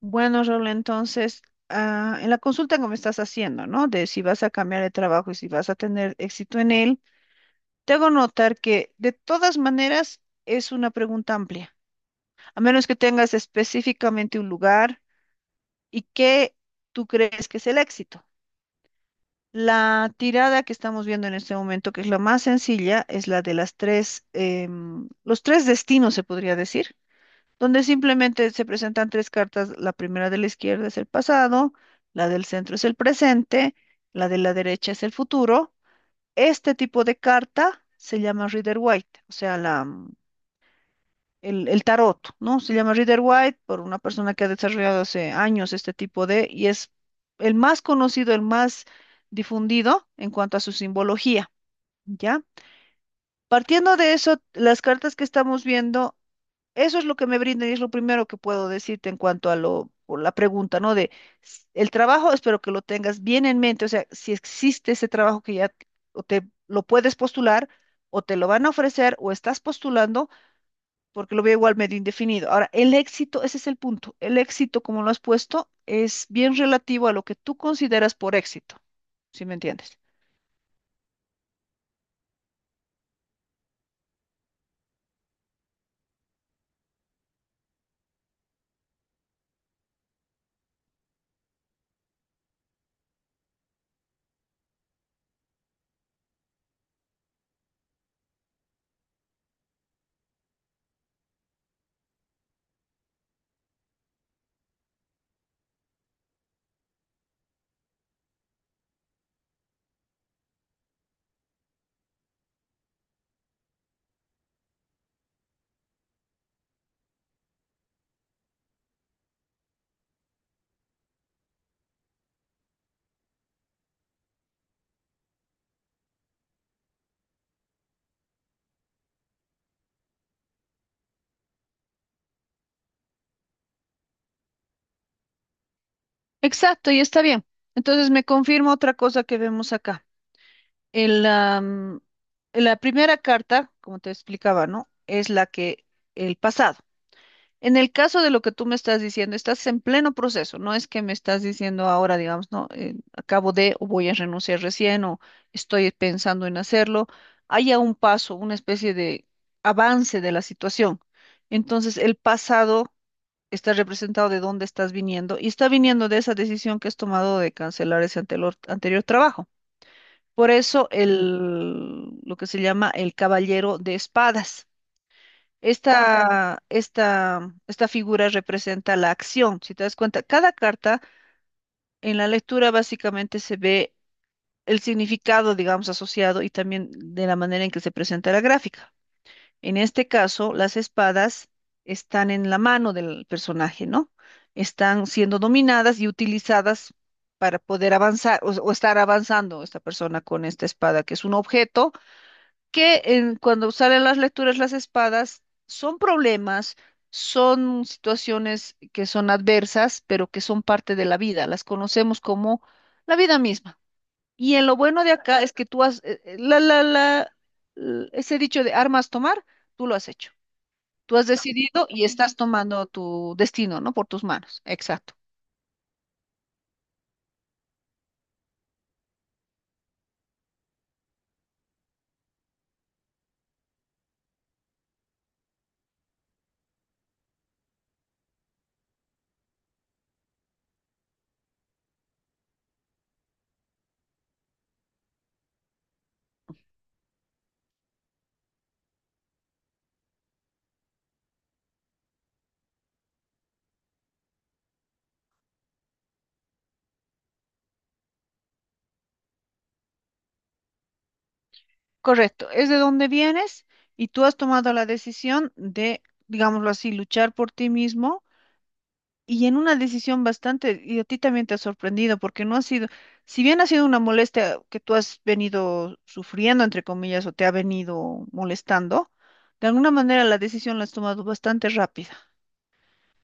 Bueno, Raúl, entonces, en la consulta que me estás haciendo, ¿no? De si vas a cambiar de trabajo y si vas a tener éxito en él, te hago notar que de todas maneras es una pregunta amplia, a menos que tengas específicamente un lugar y qué tú crees que es el éxito. La tirada que estamos viendo en este momento, que es la más sencilla, es la de las tres, los tres destinos, se podría decir donde simplemente se presentan tres cartas. La primera de la izquierda es el pasado, la del centro es el presente, la de la derecha es el futuro. Este tipo de carta se llama Rider White, o sea, el tarot, ¿no? Se llama Rider White por una persona que ha desarrollado hace años este tipo de, y es el más conocido, el más difundido en cuanto a su simbología, ¿ya? Partiendo de eso, las cartas que estamos viendo eso es lo que me brinda y es lo primero que puedo decirte en cuanto a o la pregunta, ¿no? De el trabajo, espero que lo tengas bien en mente, o sea, si existe ese trabajo que ya o te lo puedes postular o te lo van a ofrecer o estás postulando, porque lo veo igual medio indefinido. Ahora, el éxito, ese es el punto. El éxito, como lo has puesto, es bien relativo a lo que tú consideras por éxito, ¿si me entiendes? Exacto, y está bien. Entonces me confirma otra cosa que vemos acá. El, am, la primera carta, como te explicaba, ¿no? Es la que el pasado. En el caso de lo que tú me estás diciendo, estás en pleno proceso, no es que me estás diciendo ahora, digamos, no, acabo de o voy a renunciar recién o estoy pensando en hacerlo. Hay a un paso, una especie de avance de la situación. Entonces, el pasado está representado de dónde estás viniendo y está viniendo de esa decisión que has tomado de cancelar ese anterior, anterior trabajo. Por eso el, lo que se llama el caballero de espadas. Esta figura representa la acción. Si te das cuenta, cada carta en la lectura básicamente se ve el significado, digamos, asociado y también de la manera en que se presenta la gráfica. En este caso, las espadas están en la mano del personaje, ¿no? Están siendo dominadas y utilizadas para poder avanzar o estar avanzando esta persona con esta espada, que es un objeto que cuando salen las lecturas, las espadas, son problemas, son situaciones que son adversas, pero que son parte de la vida, las conocemos como la vida misma. Y en lo bueno de acá es que tú has ese dicho de armas tomar, tú lo has hecho. Tú has decidido y estás tomando tu destino, ¿no? Por tus manos. Exacto. Correcto. Es de donde vienes y tú has tomado la decisión de, digámoslo así, luchar por ti mismo. Y en una decisión bastante, y a ti también te ha sorprendido, porque no ha sido, si bien ha sido una molestia que tú has venido sufriendo, entre comillas, o te ha venido molestando, de alguna manera la decisión la has tomado bastante rápida,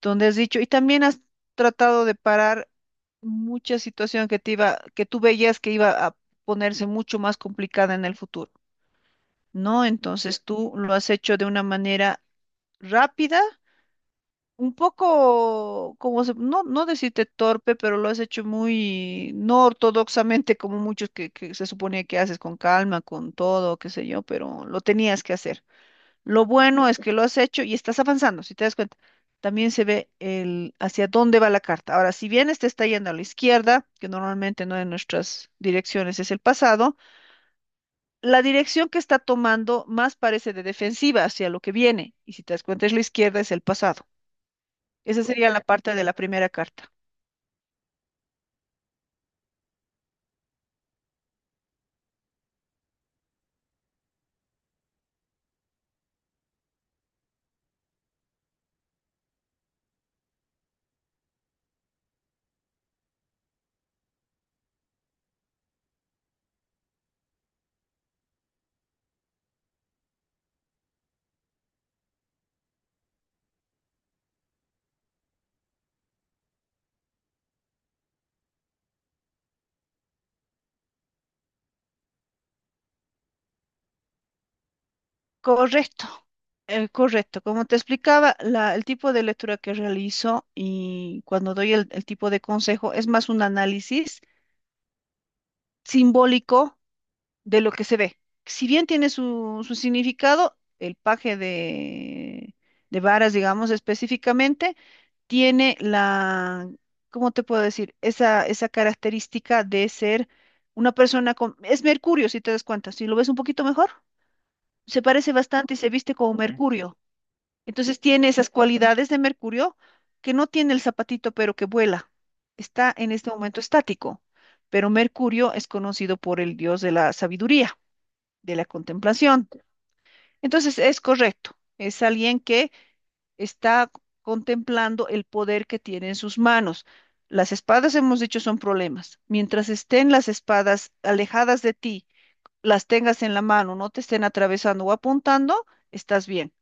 donde has dicho, y también has tratado de parar mucha situación que te iba, que tú veías que iba a ponerse mucho más complicada en el futuro, ¿no? Entonces tú lo has hecho de una manera rápida un poco, como se, no, no decirte torpe, pero lo has hecho muy no ortodoxamente, como muchos que se suponía que haces con calma, con todo, qué sé yo, pero lo tenías que hacer. Lo bueno es que lo has hecho y estás avanzando, si te das cuenta. También se ve el hacia dónde va la carta. Ahora, si bien este está yendo a la izquierda, que normalmente no de nuestras direcciones es el pasado, la dirección que está tomando más parece de defensiva hacia lo que viene. Y si te das cuenta es la izquierda, es el pasado. Esa sería la parte de la primera carta. Correcto, correcto. Como te explicaba, la- el tipo de lectura que realizo y cuando doy el tipo de consejo es más un análisis simbólico de lo que se ve. Si bien tiene su significado, el paje de varas, digamos específicamente, tiene ¿cómo te puedo decir? Esa característica de ser una persona con... Es Mercurio, si te das cuenta, si lo ves un poquito mejor. Se parece bastante y se viste como Mercurio. Entonces tiene esas cualidades de Mercurio que no tiene el zapatito, pero que vuela. Está en este momento estático, pero Mercurio es conocido por el dios de la sabiduría, de la contemplación. Entonces es correcto, es alguien que está contemplando el poder que tiene en sus manos. Las espadas, hemos dicho, son problemas. Mientras estén las espadas alejadas de ti, las tengas en la mano, no te estén atravesando o apuntando, estás bien.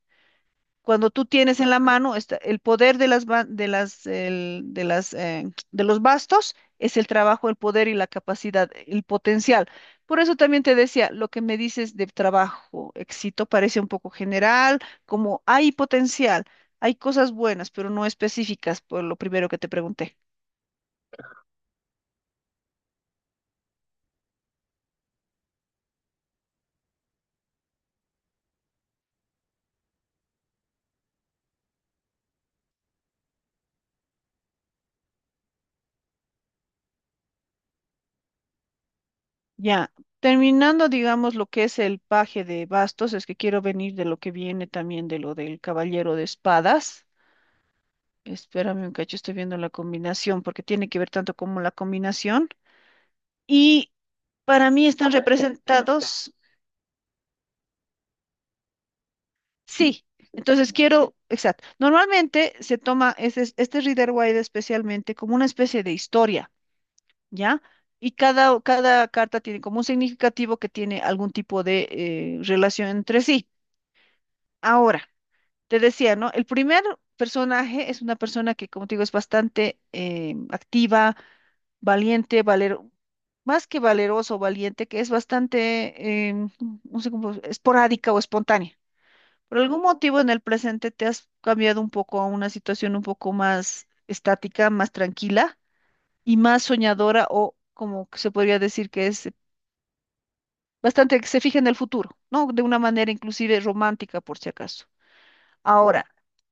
Cuando tú tienes en la mano esta- el poder de las, de los bastos, es el trabajo, el poder y la capacidad, el potencial. Por eso también te decía, lo que me dices de trabajo, éxito, parece un poco general, como hay potencial, hay cosas buenas, pero no específicas, por lo primero que te pregunté. Ya, terminando, digamos, lo que es el paje de bastos, es que quiero venir de lo que viene también de lo del caballero de espadas. Espérame un cacho, estoy viendo la combinación, porque tiene que ver tanto como la combinación. Y para mí están representados, sí. Entonces quiero, exacto. Normalmente se toma este Rider Waite especialmente como una especie de historia, ¿ya? Y cada carta tiene como un significativo que tiene algún tipo de relación entre sí. Ahora, te decía, ¿no? El primer personaje es una persona que, como te digo, es bastante activa, valiente, más que valeroso o valiente, que es bastante, no sé cómo, esporádica o espontánea. Por algún motivo en el presente te has cambiado un poco a una situación un poco más estática, más tranquila y más soñadora o como que se podría decir que es bastante que se fija en el futuro, ¿no? De una manera inclusive romántica, por si acaso. Ahora,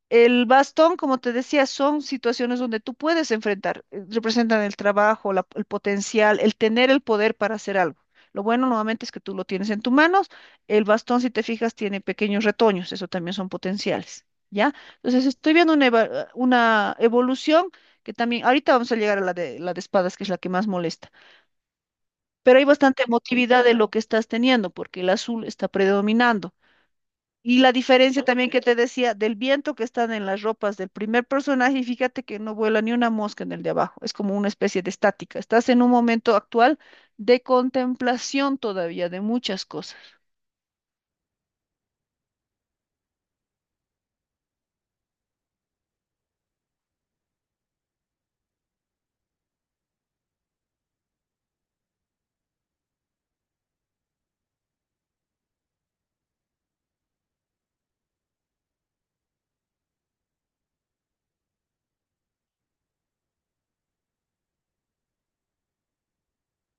el bastón, como te decía, son situaciones donde tú puedes enfrentar, representan el trabajo, el potencial, el tener el poder para hacer algo. Lo bueno nuevamente es que tú lo tienes en tus manos. El bastón, si te fijas, tiene pequeños retoños, eso también son potenciales, ¿ya? Entonces, estoy viendo una evolución que también, ahorita vamos a llegar a la de espadas, que es la que más molesta, pero hay bastante emotividad de lo que estás teniendo, porque el azul está predominando. Y la diferencia también que te decía del viento que están en las ropas del primer personaje, y fíjate que no vuela ni una mosca en el de abajo, es como una especie de estática. Estás en un momento actual de contemplación todavía de muchas cosas.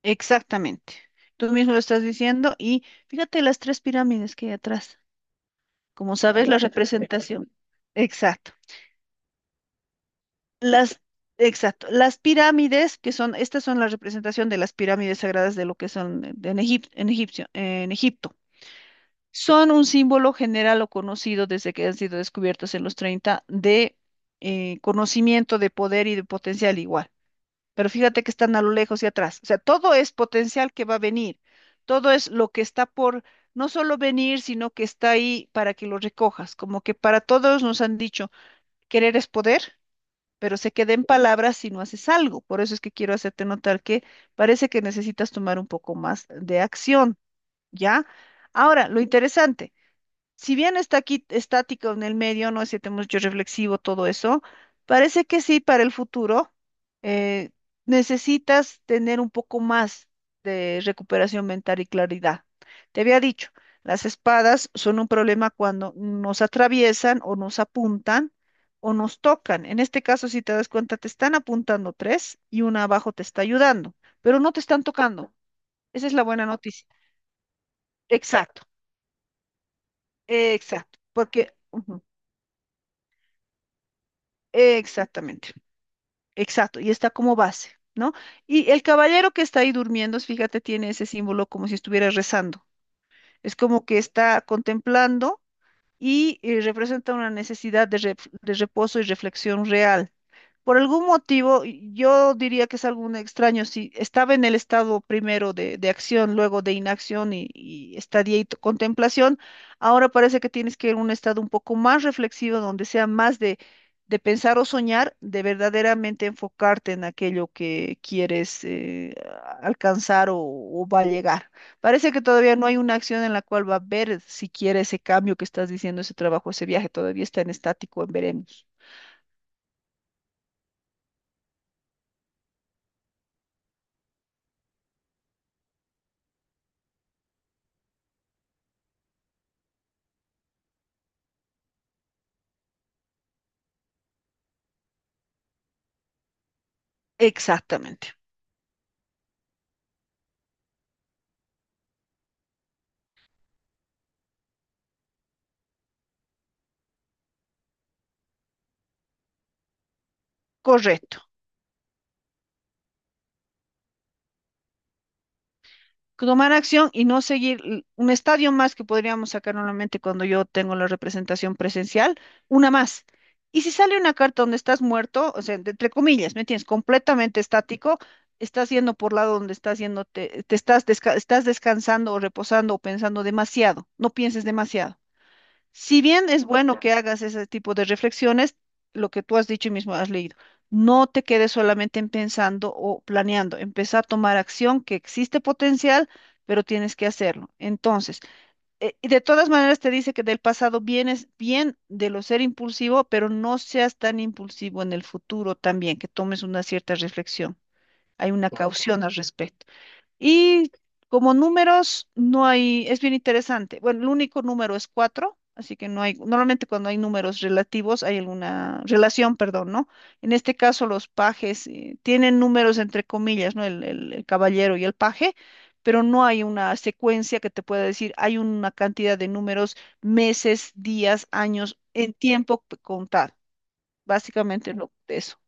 Exactamente. Tú mismo lo estás diciendo y fíjate las tres pirámides que hay atrás. Como sabes, la representación. Exacto. Las, exacto. Las pirámides, que son, estas son la representación de las pirámides sagradas de lo que son en en Egipto. Son un símbolo general o conocido desde que han sido descubiertos en los 30 de conocimiento, de poder y de potencial igual. Pero fíjate que están a lo lejos y atrás. O sea, todo es potencial que va a venir. Todo es lo que está por no solo venir, sino que está ahí para que lo recojas. Como que para todos nos han dicho, querer es poder, pero se queda en palabras si no haces algo. Por eso es que quiero hacerte notar que parece que necesitas tomar un poco más de acción, ¿ya? Ahora, lo interesante si bien está aquí estático en el medio, no es siete mucho reflexivo todo eso, parece que sí, para el futuro eh, necesitas tener un poco más de recuperación mental y claridad. Te había dicho, las espadas son un problema cuando nos atraviesan o nos apuntan o nos tocan. En este caso, si te das cuenta, te están apuntando tres y una abajo te está ayudando, pero no te están tocando. Esa es la buena noticia. Exacto, exacto, porque... ujú. Exactamente, exacto, y está como base, ¿no? Y el caballero que está ahí durmiendo, fíjate, tiene ese símbolo como si estuviera rezando. Es como que está contemplando y representa una necesidad de, de reposo y reflexión real. Por algún motivo, yo diría que es algo extraño. Si estaba en el estado primero de acción, luego de inacción y estadía y contemplación, ahora parece que tienes que ir a un estado un poco más reflexivo, donde sea más de pensar o soñar, de verdaderamente enfocarte en aquello que quieres alcanzar o va a llegar. Parece que todavía no hay una acción en la cual va a ver si quiere ese cambio que estás diciendo, ese trabajo, ese viaje, todavía está en estático, en veremos. Exactamente. Correcto. Tomar acción y no seguir l- un estadio más que podríamos sacar normalmente cuando yo tengo la representación presencial, una más. Y si sale una carta donde estás muerto, o sea, de- entre comillas, ¿me entiendes? Completamente estático, estás yendo por lado donde estás yendo, te estás, estás descansando o reposando o pensando demasiado, no pienses demasiado. Si bien es bueno que hagas ese tipo de reflexiones, lo que tú has dicho y mismo has leído, no te quedes solamente en pensando o planeando, empieza a tomar acción que existe potencial, pero tienes que hacerlo. Entonces, y de todas maneras te dice que del pasado vienes bien de lo ser impulsivo, pero no seas tan impulsivo en el futuro también, que tomes una cierta reflexión. Hay una Wow. caución al respecto. Y como números, no hay, es bien interesante. Bueno, el único número es cuatro, así que no hay, normalmente cuando hay números relativos hay alguna relación, perdón, ¿no? En este caso, los pajes tienen números entre comillas, ¿no? El, el caballero y el paje, pero no hay una secuencia que te pueda decir, hay una cantidad de números, meses, días, años, en tiempo contar. Básicamente es lo eso.